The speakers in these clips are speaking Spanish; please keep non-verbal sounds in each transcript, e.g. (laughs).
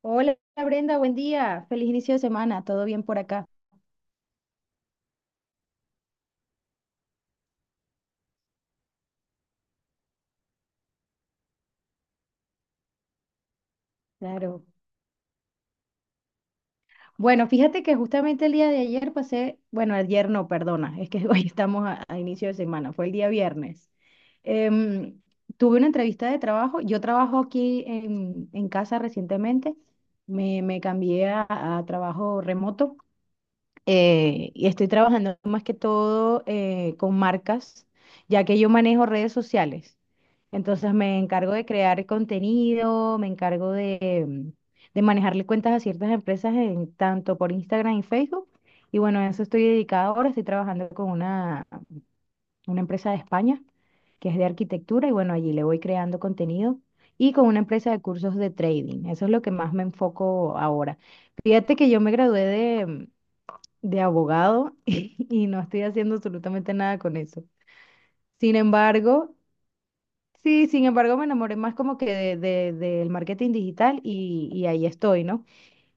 Hola Brenda, buen día. Feliz inicio de semana. ¿Todo bien por acá? Claro. Bueno, fíjate que justamente el día de ayer pasé, bueno, ayer no, perdona, es que (laughs) hoy estamos a inicio de semana, fue el día viernes. Em, Tuve una entrevista de trabajo. Yo trabajo aquí en casa recientemente. Me cambié a trabajo remoto. Y estoy trabajando más que todo con marcas, ya que yo manejo redes sociales. Entonces me encargo de crear contenido, me encargo de manejarle cuentas a ciertas empresas en tanto por Instagram y Facebook. Y bueno, a eso estoy dedicada ahora. Estoy trabajando con una empresa de España que es de arquitectura y bueno, allí le voy creando contenido y con una empresa de cursos de trading. Eso es lo que más me enfoco ahora. Fíjate que yo me gradué de abogado (laughs) y no estoy haciendo absolutamente nada con eso. Sin embargo, sí, sin embargo me enamoré más como que del marketing digital y ahí estoy, ¿no?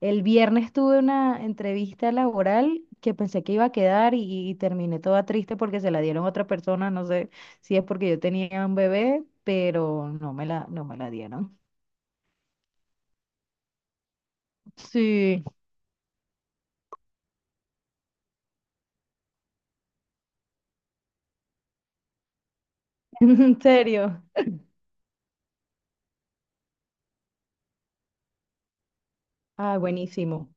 El viernes tuve una entrevista laboral que pensé que iba a quedar y terminé toda triste porque se la dieron a otra persona, no sé si es porque yo tenía un bebé, pero no me la dieron. Sí, (laughs) en serio. Ah, buenísimo.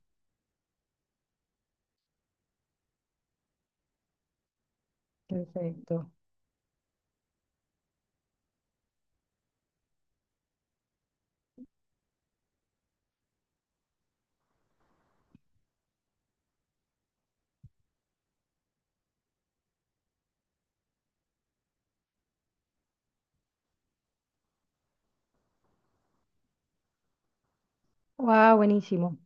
Perfecto. Wow, buenísimo.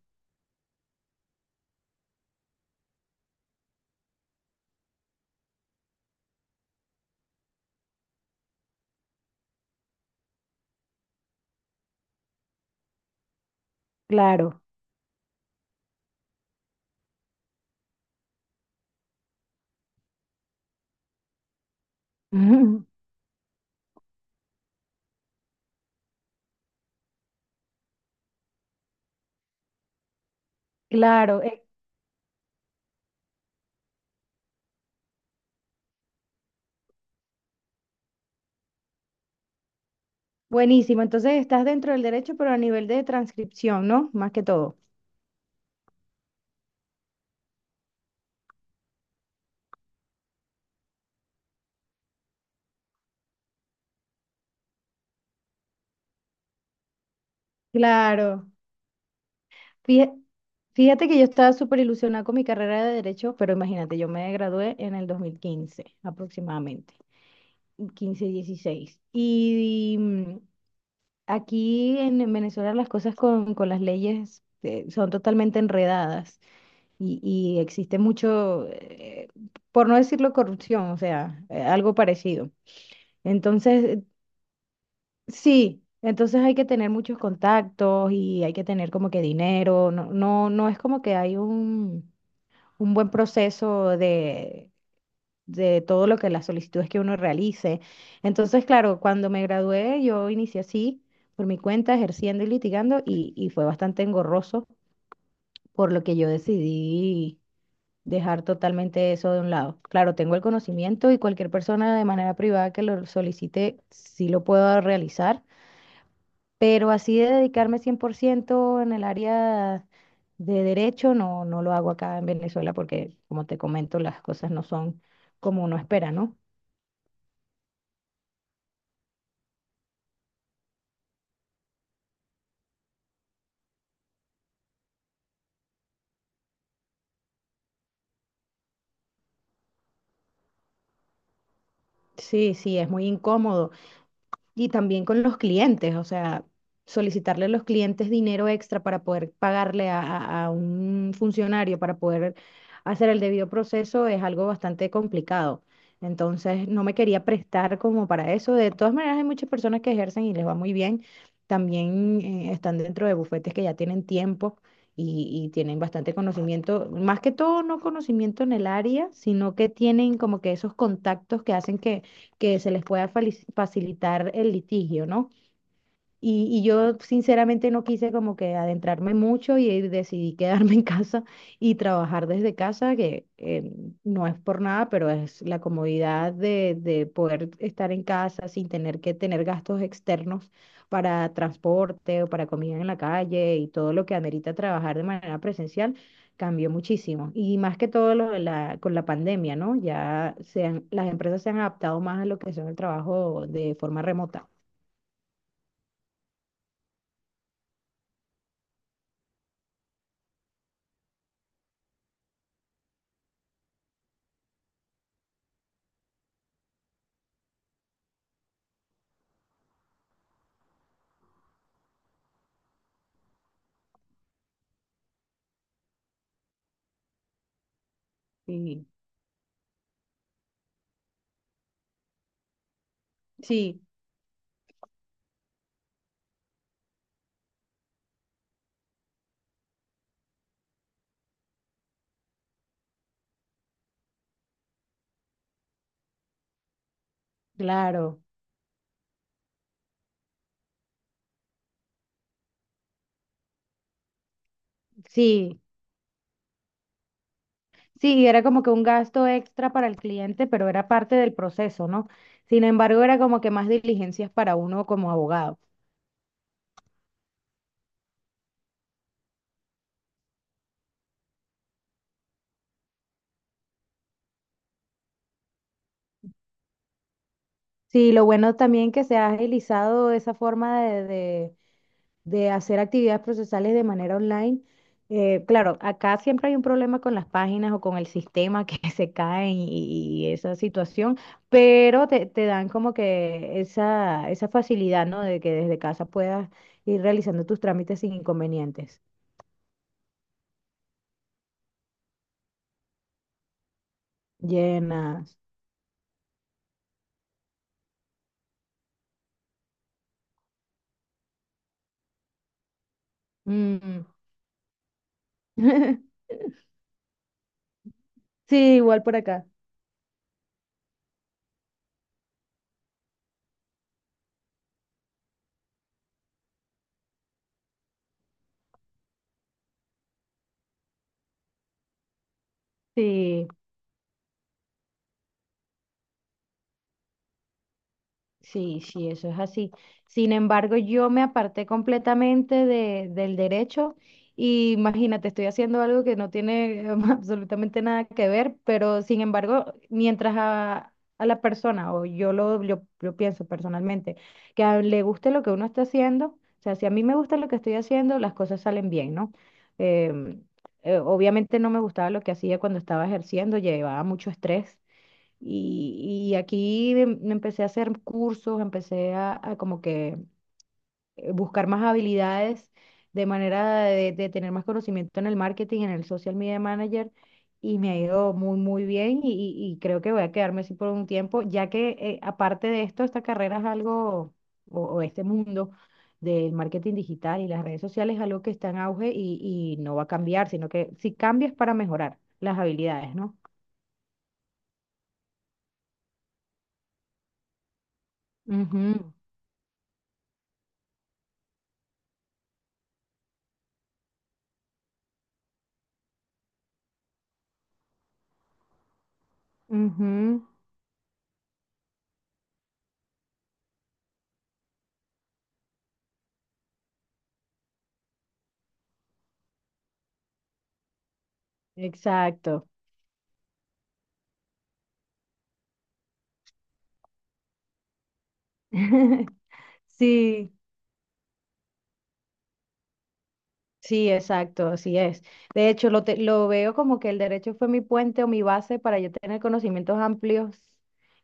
Claro. (laughs) Claro, buenísimo. Entonces estás dentro del derecho, pero a nivel de transcripción, ¿no? Más que todo. Claro. Fíjate, fíjate que yo estaba súper ilusionada con mi carrera de derecho, pero imagínate, yo me gradué en el 2015, aproximadamente, 15 16. Y, mm, aquí en Venezuela las cosas con las leyes son totalmente enredadas y existe mucho, por no decirlo corrupción, o sea, algo parecido. Entonces, sí, entonces hay que tener muchos contactos y hay que tener como que dinero. No, no, no es como que hay un buen proceso de todo lo que las solicitudes que uno realice. Entonces, claro, cuando me gradué, yo inicié así, por mi cuenta, ejerciendo y litigando, y fue bastante engorroso, por lo que yo decidí dejar totalmente eso de un lado. Claro, tengo el conocimiento y cualquier persona de manera privada que lo solicite, sí lo puedo realizar. Pero así de dedicarme 100% en el área de derecho, no, no lo hago acá en Venezuela porque, como te comento, las cosas no son como uno espera, ¿no? Sí, sí, es muy incómodo. Y también con los clientes, o sea, solicitarle a los clientes dinero extra para poder pagarle a un funcionario para poder hacer el debido proceso es algo bastante complicado. Entonces, no me quería prestar como para eso. De todas maneras, hay muchas personas que ejercen y les va muy bien. También están dentro de bufetes que ya tienen tiempo y tienen bastante conocimiento, más que todo no conocimiento en el área, sino que tienen como que esos contactos que hacen que se les pueda facilitar el litigio, ¿no? Y yo sinceramente no quise como que adentrarme mucho y decidí quedarme (laughs) en casa y trabajar desde casa, que no es por nada, pero es la comodidad de poder estar en casa sin tener que tener gastos externos para transporte o para comida en la calle y todo lo que amerita trabajar de manera presencial cambió muchísimo. Y más que todo lo de la, con la pandemia, ¿no? Ya se han- las empresas se han adaptado más a lo que son el trabajo de forma remota. Y sí. Claro, sí, sí, era como que un gasto extra para el cliente, pero era parte del proceso, ¿no? Sin embargo, era como que más diligencias para uno como abogado. Sí, lo bueno también que se ha agilizado esa forma de hacer actividades procesales de manera online. Claro, acá siempre hay un problema con las páginas o con el sistema que (laughs) se caen y esa situación, pero te dan como que esa facilidad, ¿no? De que desde casa puedas ir realizando tus trámites sin inconvenientes. Llenas. Mm. (laughs) Sí, igual por acá. Sí. Sí, sí, eso es así. Sin embargo, yo me aparté completamente del derecho y imagínate, estoy haciendo algo que no tiene (laughs) absolutamente nada que ver, pero sin embargo, mientras a la persona, o yo pienso personalmente, que le guste lo que uno está haciendo, o sea, si a mí me gusta lo que estoy haciendo, las cosas salen bien, ¿no? Em, Obviamente no me gustaba lo que hacía cuando estaba ejerciendo, llevaba mucho estrés y aquí me empecé a hacer cursos, empecé a como que buscar más habilidades de manera de tener más conocimiento en el marketing, en el social media manager, y me ha ido muy, muy bien y creo que voy a quedarme así por un tiempo, ya que aparte de esto, esta carrera es algo, o este mundo del marketing digital y las redes sociales es algo que está en auge y no va a cambiar, sino que si cambias para mejorar las habilidades, ¿no? Ujú, ujú. Exacto. (laughs) Sí, sí, exacto, así es. De hecho, lo veo como que el derecho fue mi puente o mi base para yo tener conocimientos amplios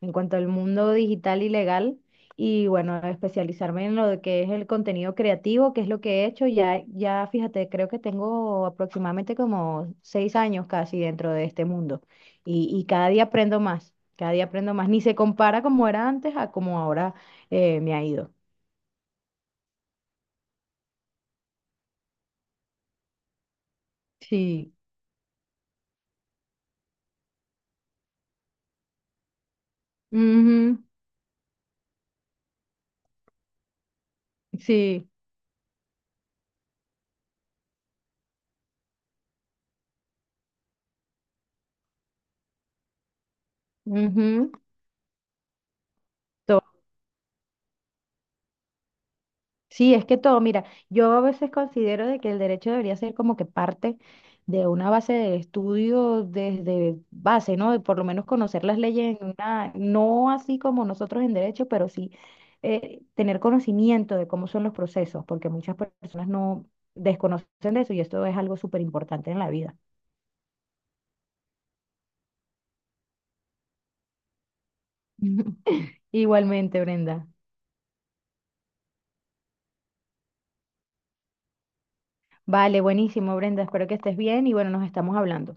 en cuanto al mundo digital y legal y bueno, especializarme en lo de que es el contenido creativo, que es lo que he hecho. Ya, ya fíjate, creo que tengo aproximadamente como 6 años casi dentro de este mundo y cada día aprendo más, cada día aprendo más. Ni se compara como era antes a como ahora me ha ido. Sí. Ujú, sí, ujú, todo. Sí, es que todo, mira, yo a veces considero de que el derecho debería ser como que parte de una base de estudio desde base, ¿no? De por lo menos conocer las leyes en una, no así como nosotros en derecho, pero sí tener conocimiento de cómo son los procesos, porque muchas personas no desconocen de eso y esto es algo súper importante en la vida. (laughs) Igualmente, Brenda. Vale, buenísimo, Brenda. Espero que estés bien y bueno, nos estamos hablando.